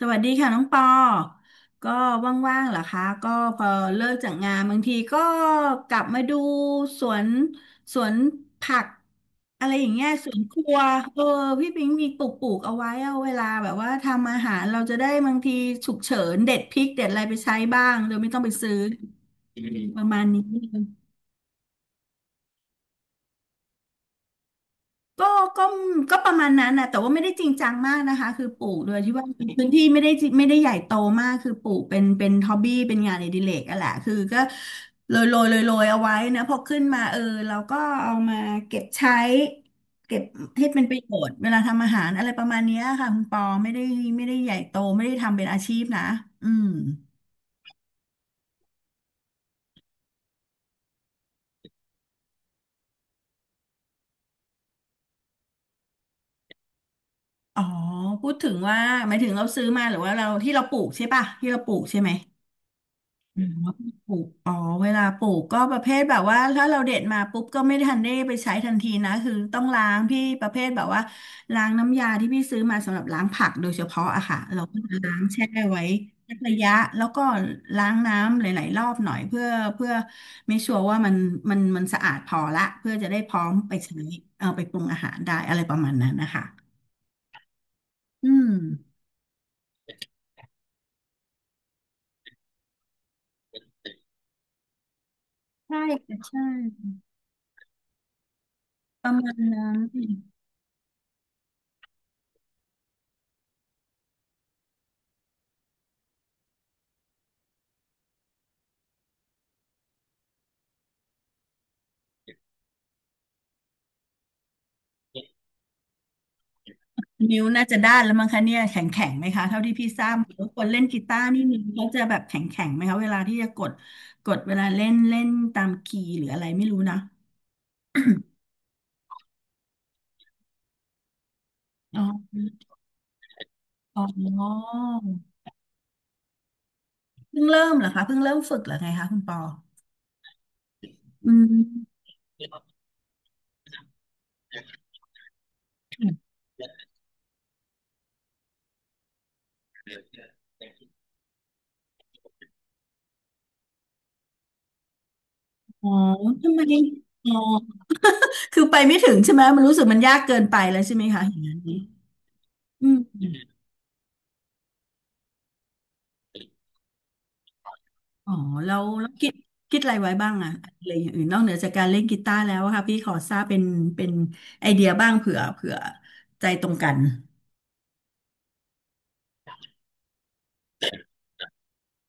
สวัสดีค่ะน้องปอก็ว่างๆเหรอคะ ก็พอเลิกจากงานบางทีก็กลับมาดูสวนสวนผักอะไรอย่างเงี้ยสวนครัวเออพี่ปิงมีปลูกเอาไว้เอาเวลาแบบว่าทำอาหารเราจะได้บางทีฉุกเฉินเด็ดพริกเด็ดอะไรไปใช้บ้างโดยไม่ต้องไปซื้อประมาณนี้ ก็ก็ก็ประมาณนั้นนะแต่ว่าไม่ได้จริงจังมากนะคะคือปลูกโดยที่ว่าพื้นที่ไม่ได้ไม่ได้ใหญ่โตมากคือปลูกเป็นฮอบบี้เป็นงานอดิเรกอะแหละคือก็โรยเอาไว้นะพอขึ้นมาเออเราก็เอามาเก็บใช้เก็บให้เป็นประโยชน์เวลาทำอาหารอะไรประมาณเนี้ยค่ะคุณปอไม่ได้ใหญ่โตไม่ได้ทำเป็นอาชีพนะอืมอ๋อพูดถึงว่าหมายถึงเราซื้อมาหรือว่าเราที่เราปลูกใช่ป่ะที่เราปลูกใช่ไหม อืมปลูกอ๋อเวลาปลูกก็ประเภทแบบว่าถ้าเราเด็ดมาปุ๊บก็ไม่ทันได้ไปใช้ทันทีนะคือต้องล้างพี่ประเภทแบบว่าล้างน้ำยาที่พี่ซื้อมาสำหรับล้างผักโดยเฉพาะอะค่ะเราก็จะล้างแช่ไว้สักระยะแล้วก็ล้างน้ำหลายๆรอบหน่อยเพื่อไม่ชัวร์ว่ามันสะอาดพอละเพื่อจะได้พร้อมไปใช้เอาไปปรุงอาหารได้อะไรประมาณนั้นนะคะอืมใช่ค่ะใช่ประมาณนั้น นิ้วน่าจะด้านแล้วมั้งคะเนี่ยแข็งแข็งไหมคะเท่าที่พี่ทราบหรือว่าคนเล่นกีตาร์นี่นิ้วเขาจะแบบแข็งแข็งไหมคะเวลาที่จะกดเวลาเล่นเล่นตามคีย์หรืออะไรไม่รู้นะอ๋ออ๋อเพิ่งเริ่มเหรอคะเพิ่งเริ่มฝึกเหรอไงคะคุณปออืมอ๋อทำไมอ๋อคือไปไม่ถึงใช่ไหมมันรู้สึกมันยากเกินไปแล้วใช่ไหมคะอย่างนั้นนี้อืม อ๋อแล้วคิดอะไรไว้บ้างอะอะไรอย่างอื่นนอกเหนือจากการเล่นกีตาร์แล้วอะค่ะพี่ขอทราบเป็นไอเดียบ้างเผื่อใจตรงกัน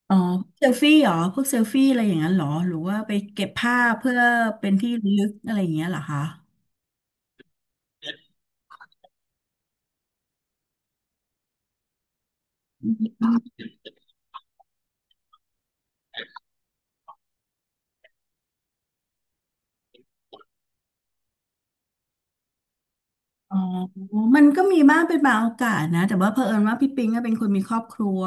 อ๋อเซลฟี่เหรอพวกเซลฟี่อะไรอย่างนั้นเหรอหรือว่าไปเก็บภาพเพื่อเป็นที่ระลึกอะไรอย่างเงี้ยเหรอคะ อ๋อมันก็มีบ้างเป็นบางโอกาสนะแต่ว่าเผอิญว่าพี่ปิงก็เป็นคนมีครอบครัว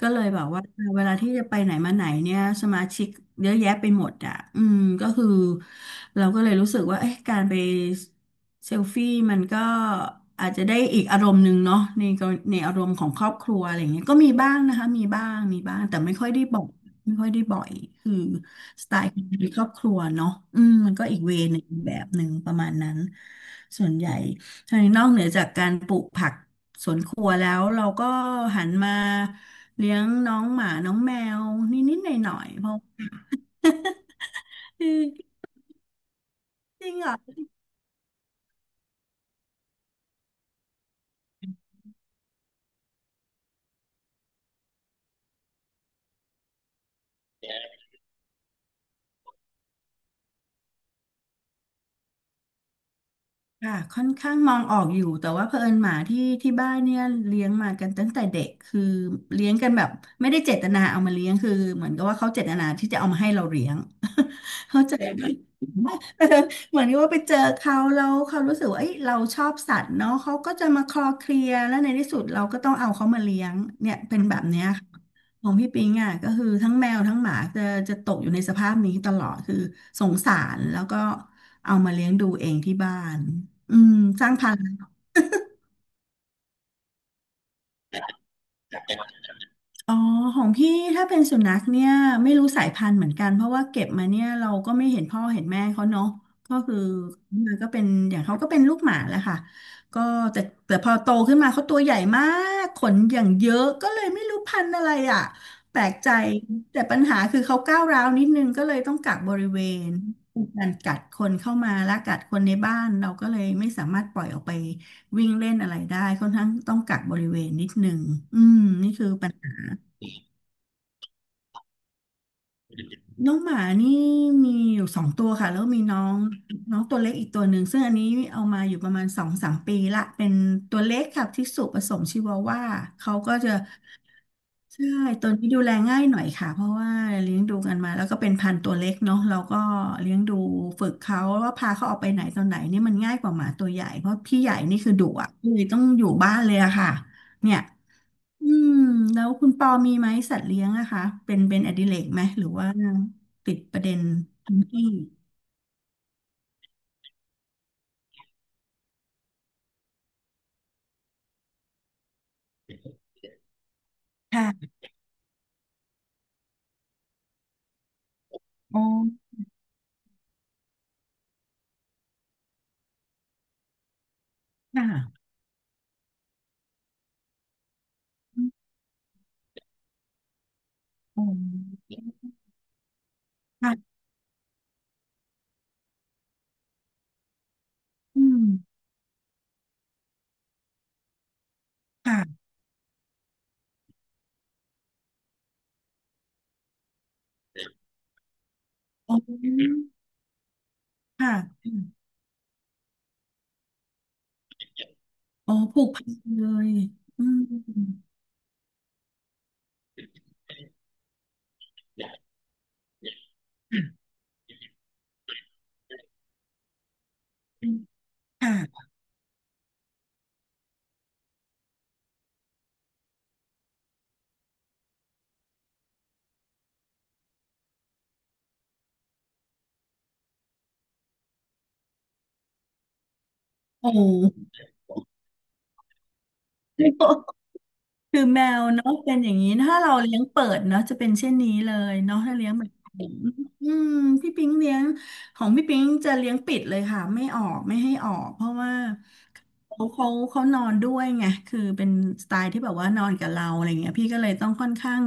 ก็เลยแบบว่าเวลาที่จะไปไหนมาไหนเนี่ยสมาชิกเยอะแยะไปหมดอ่ะอืมก็คือเราก็เลยรู้สึกว่าเอ๊ะการไปเซลฟี่มันก็อาจจะได้อีกอารมณ์หนึ่งเนาะในอารมณ์ของครอบครัวอะไรอย่างเงี้ยก็มีบ้างนะคะมีบ้างมีบ้างแต่ไม่ค่อยได้บ่อยไม่ค่อยได้บ่อยคือสไตล์ของครอบครัวเนาะอืมมันก็อีกเวย์หนึ่งแบบหนึ่งประมาณนั้นส่วนใหญ่ ใช่นอกเหนือจากการปลูกผักสวนครัวแล้วเราก็หันมาเลี้ยงน้องหมาน้องแมวนิดๆหน่อยๆเพราะ อจริงเหรอ ค่ะค่อนข้างมองออกอยู่แต่ว่าเผอิญหมาที่บ้านเนี่ยเลี้ยงมากันตั้งแต่เด็กคือเลี้ยงกันแบบไม่ได้เจตนาเอามาเลี้ยงคือเหมือนกับว่าเขาเจตนาที่จะเอามาให้เราเลี้ยง เขาใจไหมเออ เหมือนกับว่าไปเจอเขาแล้วเขารู้สึกว่าเอ้ยเราชอบสัตว์เนาะเขาก็จะมาคลอเคลียร์แล้วในที่สุดเราก็ต้องเอาเขามาเลี้ยงเนี่ยเป็นแบบเนี้ยค่ะของพี่ปิงอ่ะก็คือทั้งแมวทั้งหมาจะตกอยู่ในสภาพนี้ตลอดคือสงสารแล้วก็เอามาเลี้ยงดูเองที่บ้าน อืมสร้างพลังคั อ๋อของพี่ถ้าเป็นสุนัขเนี่ยไม่รู้สายพันธุ์เหมือนกันเพราะว่าเก็บมาเนี่ยเราก็ไม่เห็นพ่อเห็นแม่เขาเนาะก็คือมันก็เป็นอย่างเขาก็เป็นลูกหมาแหละค่ะก็แต่แต่พอโตขึ้นมาเขาตัวใหญ่มากขนอย่างเยอะก็เลยไม่รู้พันธุ์อะไรอ่ะแปลกใจแต่ปัญหาคือเขาก้าวร้าวนิดนึงก็เลยต้องกักบริเวณเป็นการกัดคนเข้ามาและกัดคนในบ้านเราก็เลยไม่สามารถปล่อยออกไปวิ่งเล่นอะไรได้ค่อนข้างต้องกักบริเวณนิดนึงอืมนี่คือ น้องหมานี่มีอยู่สองตัวค่ะแล้วมีน้องน้องตัวเล็กอีกตัวหนึ่งซึ่งอันนี้เอามาอยู่ประมาณสองสามปีละเป็นตัวเล็กค่ะที่สุผสมชิวาว่าเขาก็จะใช่ตัวนี้ดูแลง่ายหน่อยค่ะเพราะว่าเลี้ยงดูกันมาแล้วก็เป็นพันธุ์ตัวเล็กเนาะเราก็เลี้ยงดูฝึกเขาว่าพาเขาออกไปไหนตอนไหนนี่มันง่ายกว่าหมาตัวใหญ่เพราะพี่ใหญ่นี่คือดุอ่ะเลยต้องอยู่บ้านเลยอะค่ะเนี่ย อืมแล้วคุณปอมีไหมสัตว์เลี้ยงอะคะเป็นอดิเรกไหมหรือว่าติดประเด็นทังที่ค่ะอ๋อค่ะอ๋อค่ะอืมค่ะอ๋อค่ะอ๋อผูกพันเลยอืมค่ะโอ้คือแมวเนาะเป็นอย่างนี้ถ้าเราเลี้ยงเปิดเนาะจะเป็นเช่นนี้เลยเนาะถ้าเลี้ยงแบบอืมพี่ปิ๊งเลี้ยง ของพี่ปิงจะเลี้ยงปิดเลยค่ะไม่ออกไม่ให้ออกเพราะว่าเขานอนด้วยไงคือเป็นสไตล์ที่แบบว่านอนกับเราอะไรเงี้ยพี่ก็เลยต้องค่อนข้าง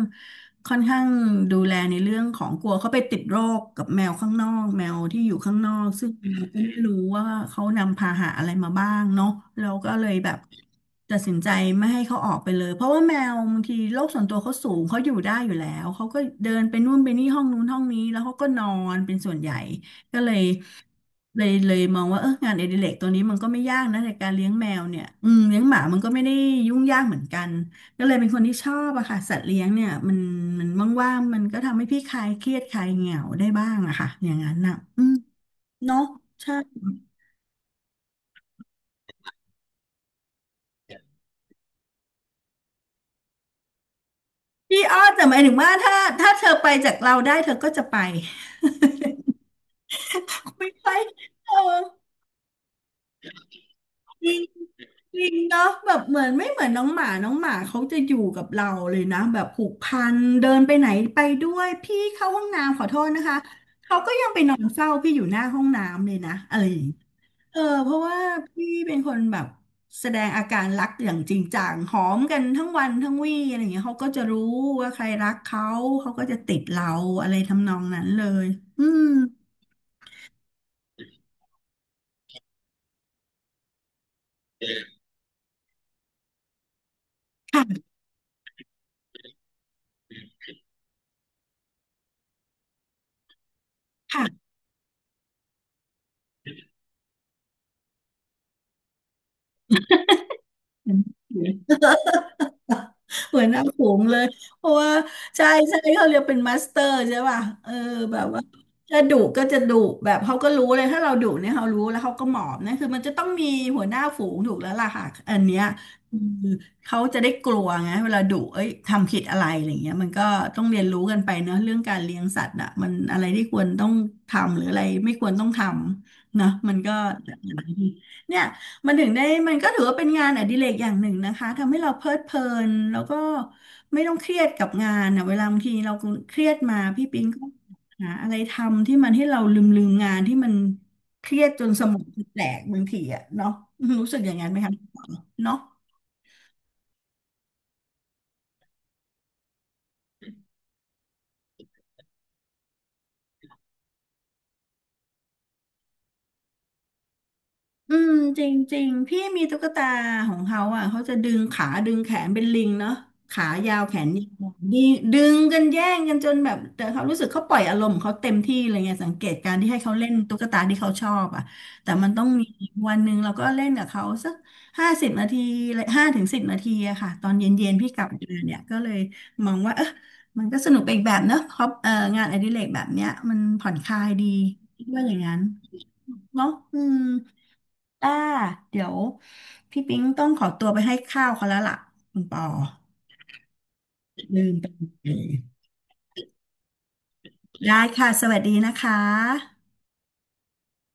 ค่อนข้างดูแลในเรื่องของกลัวเขาไปติดโรคกับแมวข้างนอกแมวที่อยู่ข้างนอกซึ่งเราก็ไม่รู้ว่าเขานำพาหะอะไรมาบ้างเนาะเราก็เลยแบบตัดสินใจไม่ให้เขาออกไปเลยเพราะว่าแมวบางทีโลกส่วนตัวเขาสูงเขาอยู่ได้อยู่แล้วเขาก็เดินไปนู่นไปนี่ห้องนู้นห้องนี้แล้วเขาก็นอนเป็นส่วนใหญ่ ก็เลยมองว่าเอองานอดิเรกตัวนี้มันก็ไม่ยากนะในการเลี้ยงแมวเนี่ยอืมเลี้ยงหมามันก็ไม่ได้ยุ่งยากเหมือนกันก็เลยเป็นคนที่ชอบอะค่ะสัตว์เลี้ยงเนี่ยมันว่างๆมันก็ทำให้พี่คลายเครียดคลายเหงาได้บ้างอะค่ะอย่างนั้นน่ะอืมเนาะใช่พี่อ้อแต่หมายถึงว่าถ้าเธอไปจากเราได้เธอก็จะไป ไม่ไปเออ จริงเนาะแบบเหมือนไม่เหมือนน้องหมาเขาจะอยู่กับเราเลยนะแบบผูกพันเดินไปไหนไปด้วยพี่เข้าห้องน้ำขอโทษนะคะเขาก็ยังไปนอนเฝ้าพี่อยู่หน้าห้องน้ำเลยนะอะไรอย่างงี้เออเพราะว่าพี่เป็นคนแบบแสดงอาการรักอย่างจริงจังหอมกันทั้งวันทั้งวี่อะไรอย่างเงี้ยเขาก็จะรู้ว่าใครรักเขาเขาก็จะติดเราอะไรทำนองนั้นเลยอืมค่ะค่ะ เหมือนน้ำผงเลยเพราะว่าใช่ใช่เขาเรียกเป็นมาสเตอร์ใช่ป่ะเออแบบว่าจะดุก็จะดุแบบเขาก็รู้เลยถ้าเราดุเนี่ยเขารู้แล้วเขาก็หมอบนะคือมันจะต้องมีหัวหน้าฝูงถูกแล้วล่ะค่ะอันเนี้ยคือเขาจะได้กลัวไงเวลาดุเอ้ยทำผิดอะไรอะไรเงี้ยมันก็ต้องเรียนรู้กันไปเนอะเรื่องการเลี้ยงสัตว์อ่ะมันอะไรที่ควรต้องทำหรืออะไรไม่ควรต้องทำเนอะมันก็เนี่ย มันถึงได้มันก็ถือว่าเป็นงานอดิเรกอย่างหนึ่งนะคะทำให้เราเพลิดเพลินแล้วก็ไม่ต้องเครียดกับงานนะเวลาบางทีเราเครียดมาพี่ปิงก็หาอะไรทำที่มันให้เราลืมงานที่มันเครียดจนสมองแตกบางทีอะเนาะรู้สึกอย่างนั้นไหมคะเนาะ อืมจริงๆพี่มีตุ๊กตาของเขาอ่ะเขาจะดึงขาดึงแขนเป็นลิงเนาะขายาวแขนยาวดึงดึงกันแย่งกันจนแบบแต่เขารู้สึกเขาปล่อยอารมณ์ของเขาเต็มที่เลยไงสังเกตการที่ให้เขาเล่นตุ๊กตาที่เขาชอบอ่ะแต่มันต้องมีวันหนึ่งเราก็เล่นกับเขาสัก50 นาที5 ถึง 10 นาทีอะค่ะตอนเย็นๆพี่กลับมาเนี่ยก็เลยมองว่าเออมันก็สนุกไปอีกแบบเนาะครับเอองานอดิเรกแบบเนี้ยมันผ่อนคลายดีคิดว่าอย่างนั้นเนาะอืม อ่าเดี๋ยวพี่ปิ๊งต้องขอตัวไปให้ข้าวเขาแล้วล่ะคุณปอลืมไปเลยได้ค่ะสวัสดีนะคะ